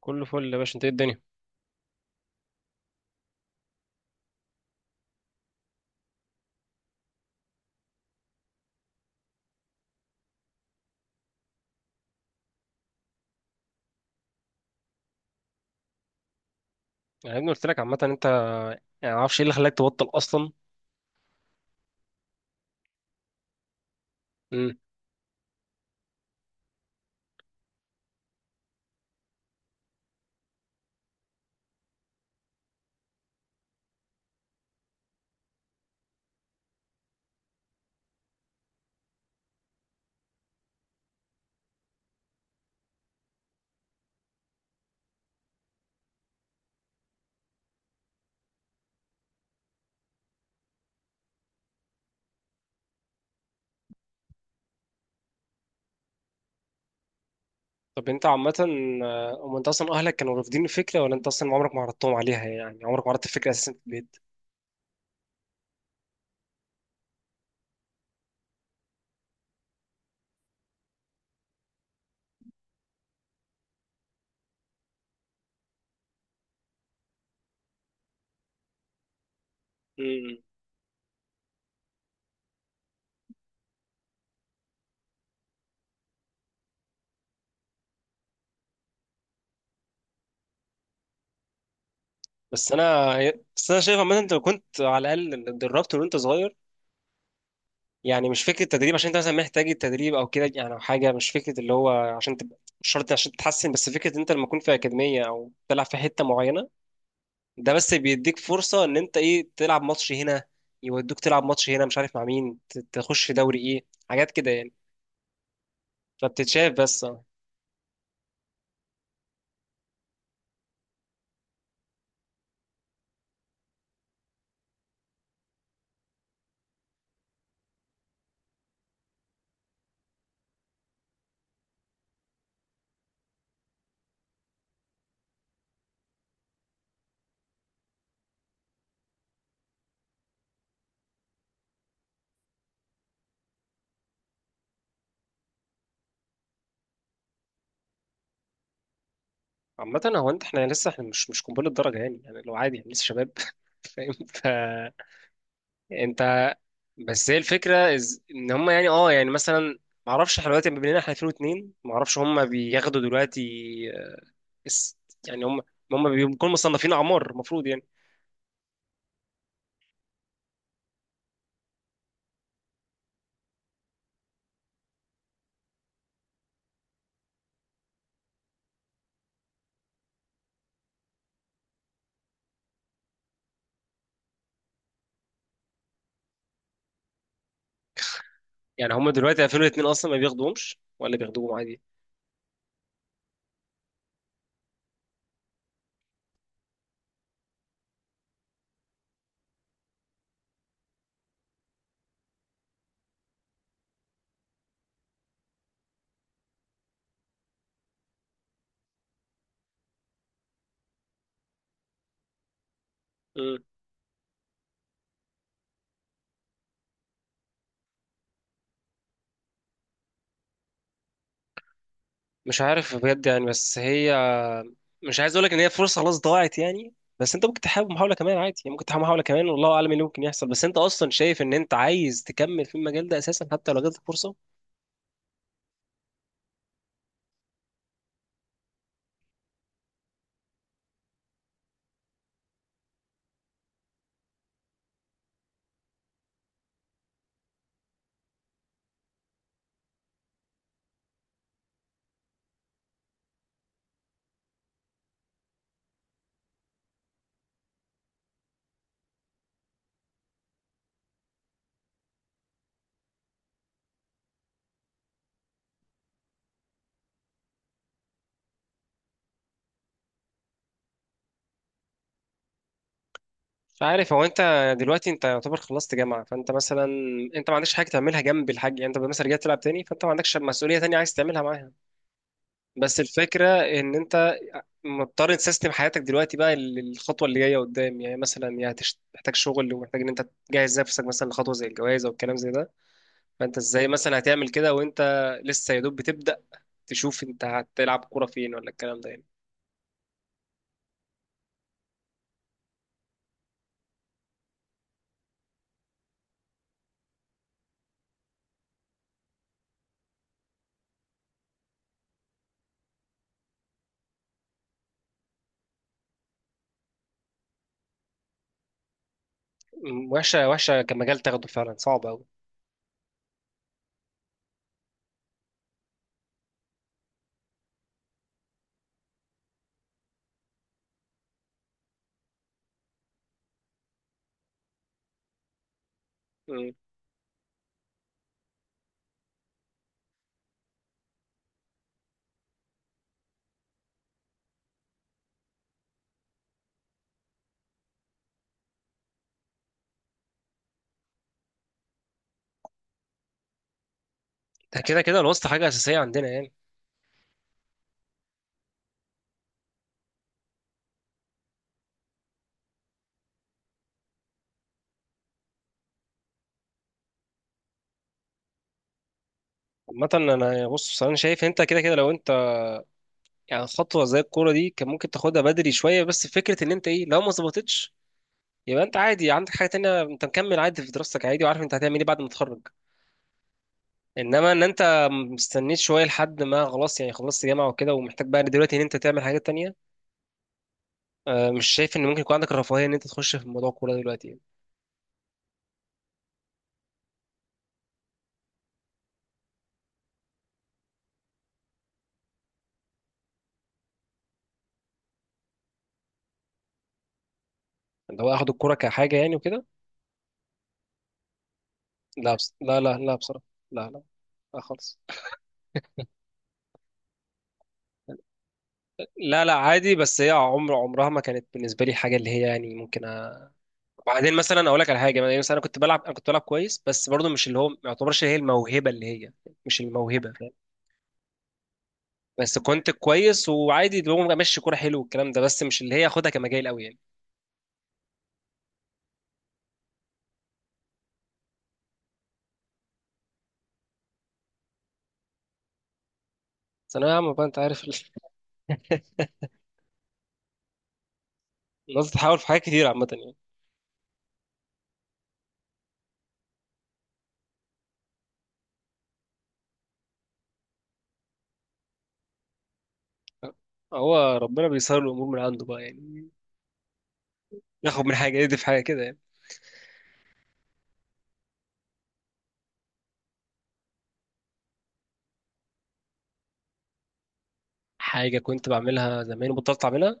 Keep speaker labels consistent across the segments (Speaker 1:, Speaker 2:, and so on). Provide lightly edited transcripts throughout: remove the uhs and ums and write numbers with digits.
Speaker 1: كله فل يا باشا، انت ايه الدنيا؟ يعني يا ابني قلت لك عامه انت، يعني ما اعرفش ايه اللي خلاك تبطل اصلا. امم طب انت عامه، هم انت اصلا اهلك كانوا رافضين الفكره، ولا انت اصلا عمرك ما عرضتهم عليها؟ يعني عمرك ما عرضت الفكره اساسا في البيت. امم بس انا بس انا شايف عامه انت لو كنت على الاقل اتدربت وانت صغير، يعني مش فكره تدريب عشان انت مثلا محتاج التدريب او كده يعني او حاجه، مش فكره اللي هو عشان تبقى مش شرط عشان تتحسن، بس فكره انت لما تكون في اكاديميه او تلعب في حته معينه، ده بس بيديك فرصة ان انت ايه تلعب ماتش هنا، يودوك تلعب ماتش هنا مش عارف مع مين، تخش في دوري ايه، حاجات كده يعني. فبتتشاف بس اه. عامة هو انت، احنا لسه، احنا مش قنبلة درجة، يعني يعني لو عادي احنا لسه شباب فاهم؟ فانت، بس هي الفكرة ان هم يعني اه يعني مثلا، معرفش احنا دلوقتي بما اننا احنا 2002، معرفش هم بياخدوا دلوقتي. آه، اس- يعني هم، هم بيكونوا مصنفين اعمار المفروض يعني. يعني هم دلوقتي 2002 اصلا ما بياخدوهمش، ولا بياخدوهم عادي؟ مش عارف بجد يعني. بس هي، مش عايز اقول لك ان هي فرصه خلاص ضاعت يعني، بس انت ممكن تحاول محاول كمان عادي يعني، ممكن تحاول محاول كمان والله اعلم ايه اللي ممكن يحصل. بس انت اصلا شايف ان انت عايز تكمل في المجال ده اساسا، حتى لو جاتلك فرصه؟ مش عارف هو انت، دلوقتي انت يعتبر خلصت جامعه، فانت مثلا انت ما عندكش حاجه تعملها جنب الحاج يعني، انت مثلا رجعت تلعب تاني فانت ما عندكش مسؤوليه تانية عايز تعملها معاها. بس الفكره ان انت مضطر تسيستم حياتك دلوقتي بقى للخطوه اللي جايه قدام، يعني مثلا يا هتحتاج شغل، ومحتاج ان انت تجهز نفسك مثلا لخطوه زي الجواز او الكلام زي ده. فانت ازاي مثلا هتعمل كده وانت لسه يا دوب بتبدأ تشوف انت هتلعب كورة فين ولا الكلام ده يعني؟ وحشة، وحشة كمجال تاخده، فعلا صعب قوي. ده كده كده الوسط حاجة أساسية عندنا يعني. عامة أنا، بص أنا شايف أنت كده كده لو أنت يعني خطوة زي الكورة دي كان ممكن تاخدها بدري شوية، بس فكرة إن أنت إيه لو ما ظبطتش، يبقى أنت عادي عندك حاجة تانية، أنت مكمل عادي في دراستك عادي، وعارف أنت هتعمل إيه بعد ما تتخرج. إنما إن أنت مستنيت شوية لحد ما خلاص يعني خلصت جامعة وكده، ومحتاج بقى دلوقتي إن أنت تعمل حاجات تانية، مش شايف ان ممكن يكون عندك الرفاهيه ان انت تخش في موضوع الكوره ده دلوقتي يعني. اللي هو اخد الكوره كحاجه يعني وكده؟ لا، بس لا لا لا بصراحه، لا لا، لا خالص. لا لا عادي، بس هي عمر، عمرها ما كانت بالنسبه لي حاجه اللي هي يعني ممكن بعدين مثلا اقول لك على حاجه. يعني مثلا انا كنت بلعب كويس، بس برضه مش اللي هو، ما يعتبرش هي الموهبه اللي هي، مش الموهبه فاهم؟ بس كنت كويس وعادي اللي هو ماشي كوره حلو والكلام ده، بس مش اللي هي اخدها كمجال قوي يعني. بس انا يا عم بقى انت عارف، الناس بتحاول في حاجات كتير عامه يعني. هو ربنا بيسهل الامور من عنده بقى يعني، ياخد من حاجه يدي في حاجه كده يعني. حاجه كنت بعملها زمان وبطلت اعملها؟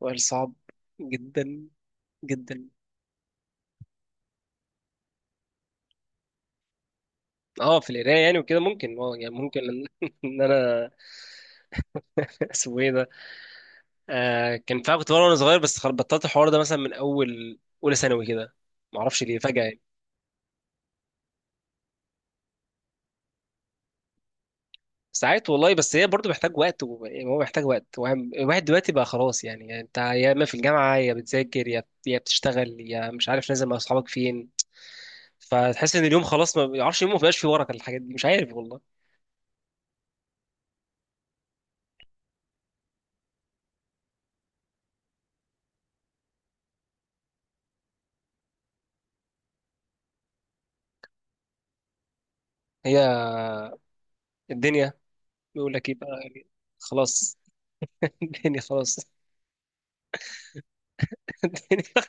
Speaker 1: وقال صعب جدا، جدا. اه في القرايه يعني وكده، ممكن اه يعني ممكن ان إن انا اسمه ايه ده؟ آه، كان فعلا كنت بقرا وانا صغير، بس بطلت الحوار ده مثلا من اول اولى ثانوي كده، ما اعرفش ليه فجاه يعني. ساعات والله، بس هي برضه محتاج وقت يعني هو محتاج وقت. الواحد دلوقتي بقى خلاص يعني, يعني انت يا اما في الجامعه يا بتذاكر، يا بتشتغل، يا مش عارف نازل مع اصحابك فين. فتحس ان اليوم خلاص، ما بيعرفش يوم ما بقاش فيه ورقه، الحاجات دي مش عارف والله. هي الدنيا بيقول لك ايه بقى يعني، خلاص. الدنيا خلاص. الدنيا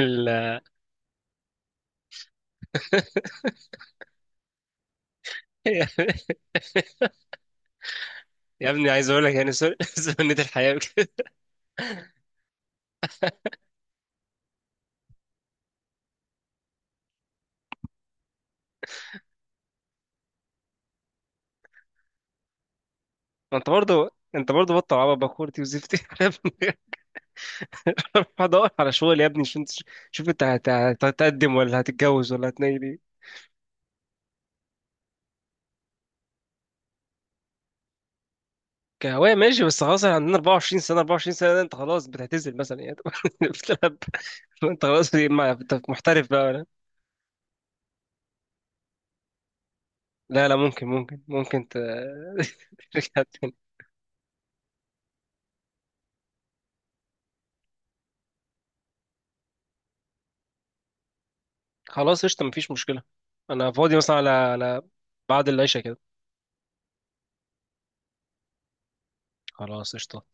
Speaker 1: ال- يا ابني عايز اقول لك يعني سنة الحياة كده. ما انت برضه، انت برضه بطل عبط بكورتي وزفتي يا ابني، روح ادور على شغل يا ابني عشان شوف انت هتقدم ولا هتتجوز ولا هتنيل ايه. كهواية ماشي، بس خلاص احنا عندنا 24 سنة، 24 سنة ده انت خلاص بتعتزل مثلا يعني؟ بتلعب، انت خلاص انت محترف بقى. لا لا، ممكن ترجع تاني. خلاص قشطة مفيش مشكلة، أنا فاضي مثلا على بعد العشاء كده. خلاص قشطة.